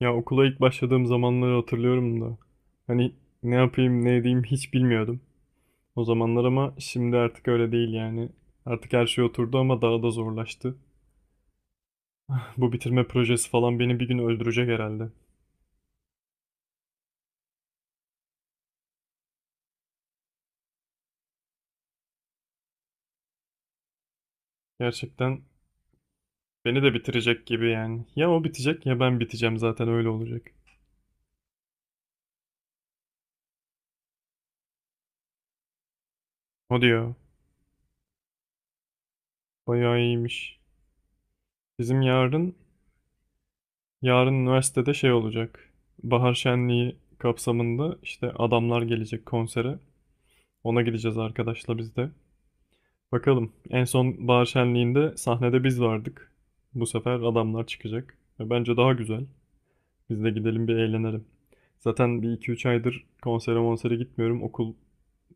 Ya okula ilk başladığım zamanları hatırlıyorum da. Hani ne yapayım ne edeyim hiç bilmiyordum o zamanlar ama şimdi artık öyle değil yani. Artık her şey oturdu ama daha da zorlaştı. Bu bitirme projesi falan beni bir gün öldürecek herhalde. Gerçekten beni de bitirecek gibi yani. Ya o bitecek ya ben biteceğim, zaten öyle olacak. O diyor. Bayağı iyiymiş. Bizim yarın üniversitede şey olacak. Bahar şenliği kapsamında işte adamlar gelecek konsere. Ona gideceğiz arkadaşla biz de. Bakalım. En son bahar şenliğinde sahnede biz vardık. Bu sefer adamlar çıkacak. Ve bence daha güzel. Biz de gidelim bir eğlenelim. Zaten bir iki üç aydır konsere monsere gitmiyorum. Okul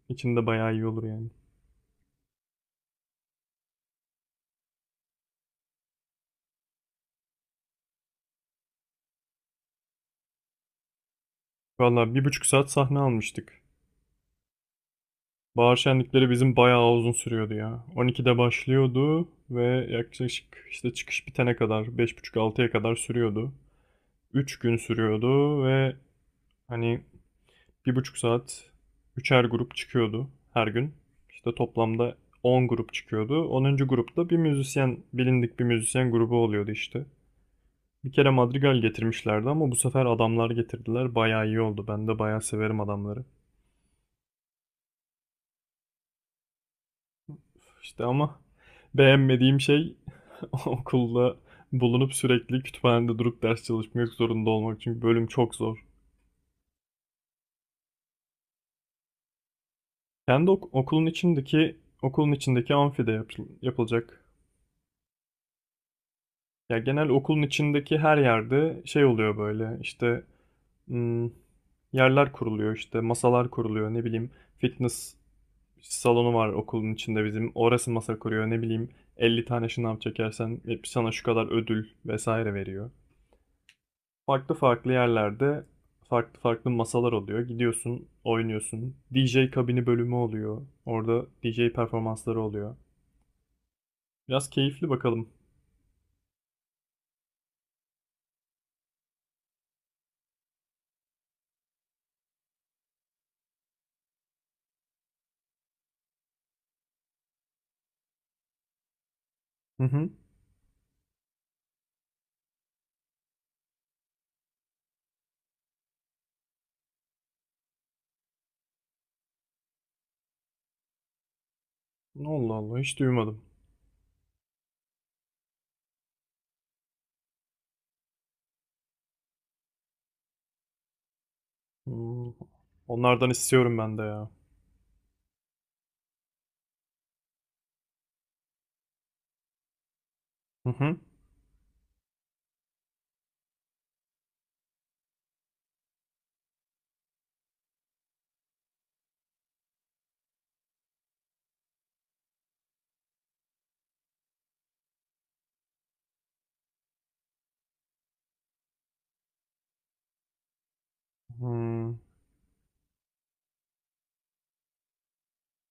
içinde bayağı iyi olur yani. Valla 1,5 saat sahne almıştık. Bahar şenlikleri bizim bayağı uzun sürüyordu ya. 12'de başlıyordu ve yaklaşık işte çıkış bitene kadar beş buçuk altıya kadar sürüyordu. 3 gün sürüyordu ve hani 1,5 saat üçer grup çıkıyordu her gün. İşte toplamda 10 grup çıkıyordu. 10. grupta bir müzisyen, bilindik bir müzisyen grubu oluyordu işte. Bir kere Madrigal getirmişlerdi ama bu sefer adamlar getirdiler. Bayağı iyi oldu. Ben de bayağı severim adamları. İşte ama beğenmediğim şey okulda bulunup sürekli kütüphanede durup ders çalışmak zorunda olmak. Çünkü bölüm çok zor. Kendi ok- okulun içindeki okulun içindeki amfide yapılacak. Ya genel okulun içindeki her yerde şey oluyor böyle işte, hmm, yerler kuruluyor işte, masalar kuruluyor, ne bileyim, fitness salonu var okulun içinde bizim, orası masa kuruyor, ne bileyim, 50 tane şınav çekersen hep sana şu kadar ödül vesaire veriyor. Farklı farklı yerlerde farklı farklı masalar oluyor, gidiyorsun oynuyorsun, DJ kabini bölümü oluyor, orada DJ performansları oluyor. Biraz keyifli, bakalım. Hı hı. Allah Allah, hiç duymadım. Hmm. Onlardan istiyorum ben de ya. Hı hı. Hmm.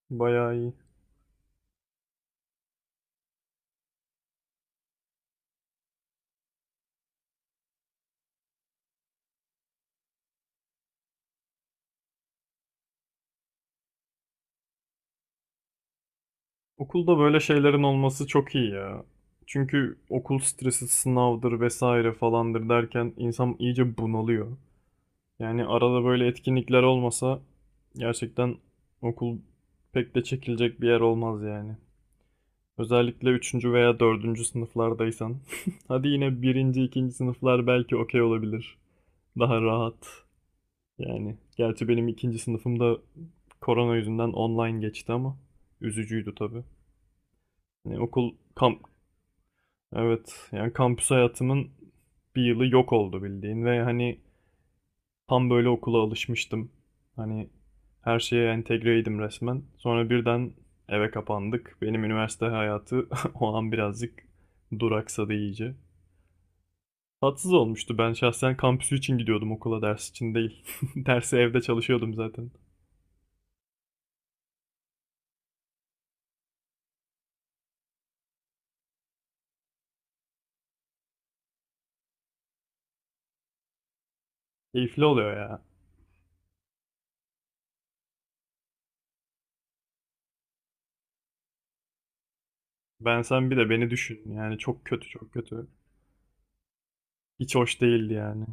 Bayağı iyi. Okulda böyle şeylerin olması çok iyi ya. Çünkü okul stresi, sınavdır vesaire falandır derken insan iyice bunalıyor. Yani arada böyle etkinlikler olmasa gerçekten okul pek de çekilecek bir yer olmaz yani. Özellikle üçüncü veya dördüncü sınıflardaysan. Hadi yine birinci ikinci sınıflar belki okey olabilir. Daha rahat. Yani gerçi benim ikinci sınıfımda korona yüzünden online geçti ama üzücüydü tabii. Yani okul kamp, evet yani kampüs hayatımın bir yılı yok oldu bildiğin ve hani tam böyle okula alışmıştım. Hani her şeye entegreydim resmen. Sonra birden eve kapandık. Benim üniversite hayatı o an birazcık duraksadı iyice. Tatsız olmuştu. Ben şahsen kampüsü için gidiyordum okula, ders için değil. Dersi evde çalışıyordum zaten. Keyifli oluyor ya. Ben, sen bir de beni düşün. Yani çok kötü, çok kötü. Hiç hoş değildi yani.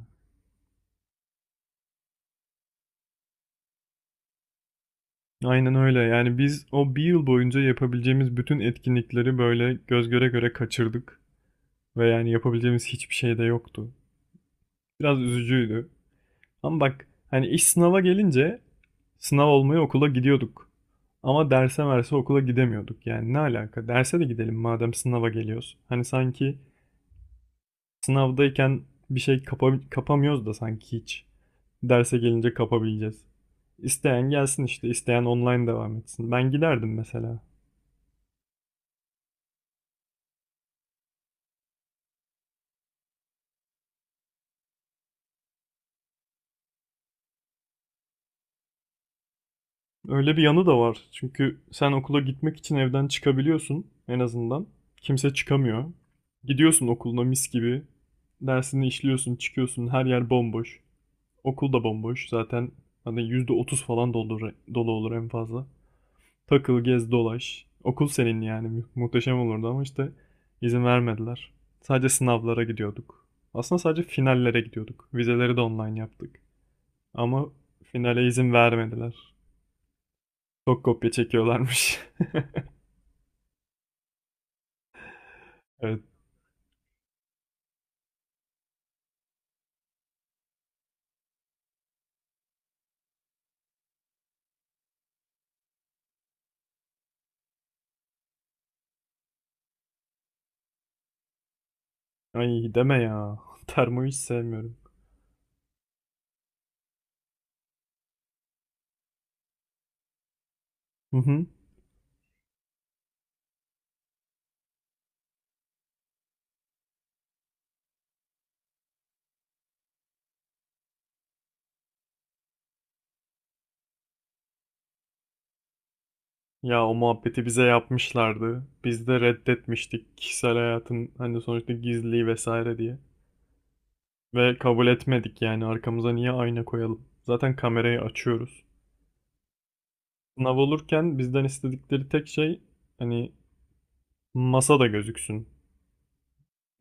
Aynen öyle. Yani biz o bir yıl boyunca yapabileceğimiz bütün etkinlikleri böyle göz göre göre kaçırdık. Ve yani yapabileceğimiz hiçbir şey de yoktu. Biraz üzücüydü. Ama bak hani iş sınava gelince sınav olmaya okula gidiyorduk. Ama derse verse okula gidemiyorduk. Yani ne alaka? Derse de gidelim madem sınava geliyoruz. Hani sanki sınavdayken bir şey kapamıyoruz da sanki hiç. Derse gelince kapabileceğiz. İsteyen gelsin işte, isteyen online devam etsin. Ben giderdim mesela. Öyle bir yanı da var. Çünkü sen okula gitmek için evden çıkabiliyorsun en azından. Kimse çıkamıyor. Gidiyorsun okuluna mis gibi. Dersini işliyorsun, çıkıyorsun. Her yer bomboş. Okul da bomboş. Zaten hani %30 falan dolu, dolu olur en fazla. Takıl, gez, dolaş. Okul senin yani. Muhteşem olurdu ama işte izin vermediler. Sadece sınavlara gidiyorduk. Aslında sadece finallere gidiyorduk. Vizeleri de online yaptık. Ama finale izin vermediler. Çok kopya çekiyorlarmış. Evet. Ay, deme ya. Termoyu hiç sevmiyorum. Hı hı. Ya o muhabbeti bize yapmışlardı. Biz de reddetmiştik, kişisel hayatın hani sonuçta gizliliği vesaire diye. Ve kabul etmedik, yani arkamıza niye ayna koyalım? Zaten kamerayı açıyoruz. Sınav olurken bizden istedikleri tek şey, hani, masa da gözüksün.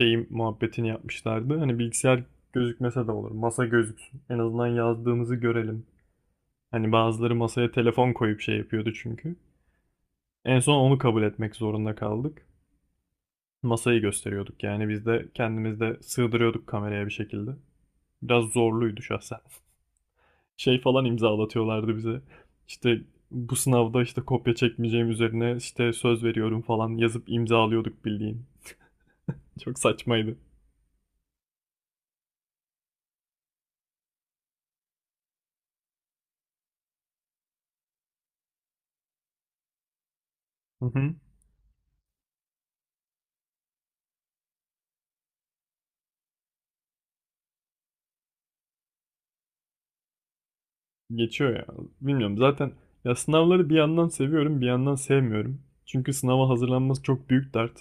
Şeyim muhabbetini yapmışlardı. Hani bilgisayar gözükmese de olur, masa gözüksün. En azından yazdığımızı görelim. Hani bazıları masaya telefon koyup şey yapıyordu çünkü. En son onu kabul etmek zorunda kaldık. Masayı gösteriyorduk yani, biz de kendimiz de sığdırıyorduk kameraya bir şekilde. Biraz zorluydu şahsen. Şey falan imzalatıyorlardı bize. İşte bu sınavda işte kopya çekmeyeceğim üzerine işte söz veriyorum falan yazıp imzalıyorduk bildiğin. Çok saçmaydı. Hı hı. Geçiyor ya. Bilmiyorum zaten, ya sınavları bir yandan seviyorum bir yandan sevmiyorum. Çünkü sınava hazırlanması çok büyük dert.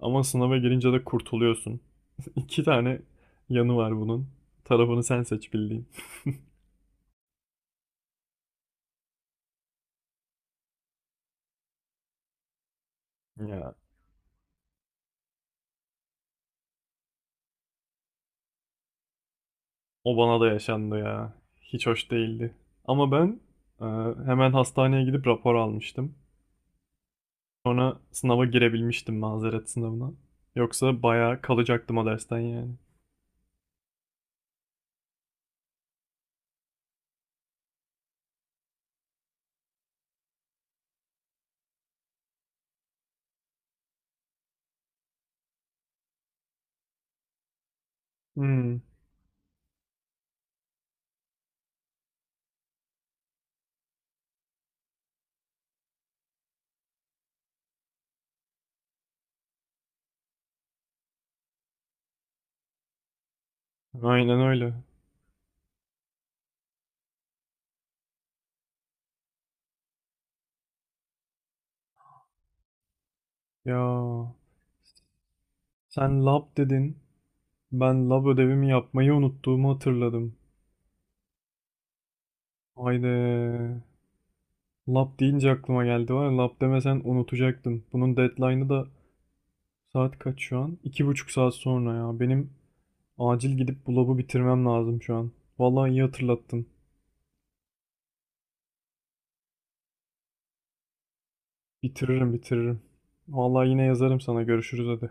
Ama sınava girince de kurtuluyorsun. İki tane yanı var bunun. Tarafını sen seç bildiğin. Ya o bana da yaşandı ya. Hiç hoş değildi. Ama ben, e, hemen hastaneye gidip rapor almıştım. Sonra sınava girebilmiştim, mazeret sınavına. Yoksa bayağı kalacaktım o dersten yani. Hmm, aynen öyle. Ya sen lab dedin. Ben lab ödevimi yapmayı unuttuğumu hatırladım. Haydi. Lab deyince aklıma geldi, var ya, lab demesen unutacaktım. Bunun deadline'ı da saat kaç şu an? 2,5 saat sonra ya. Benim acil gidip bu labı bitirmem lazım şu an. Vallahi iyi hatırlattın. Bitiririm, bitiririm. Vallahi yine yazarım sana, görüşürüz hadi.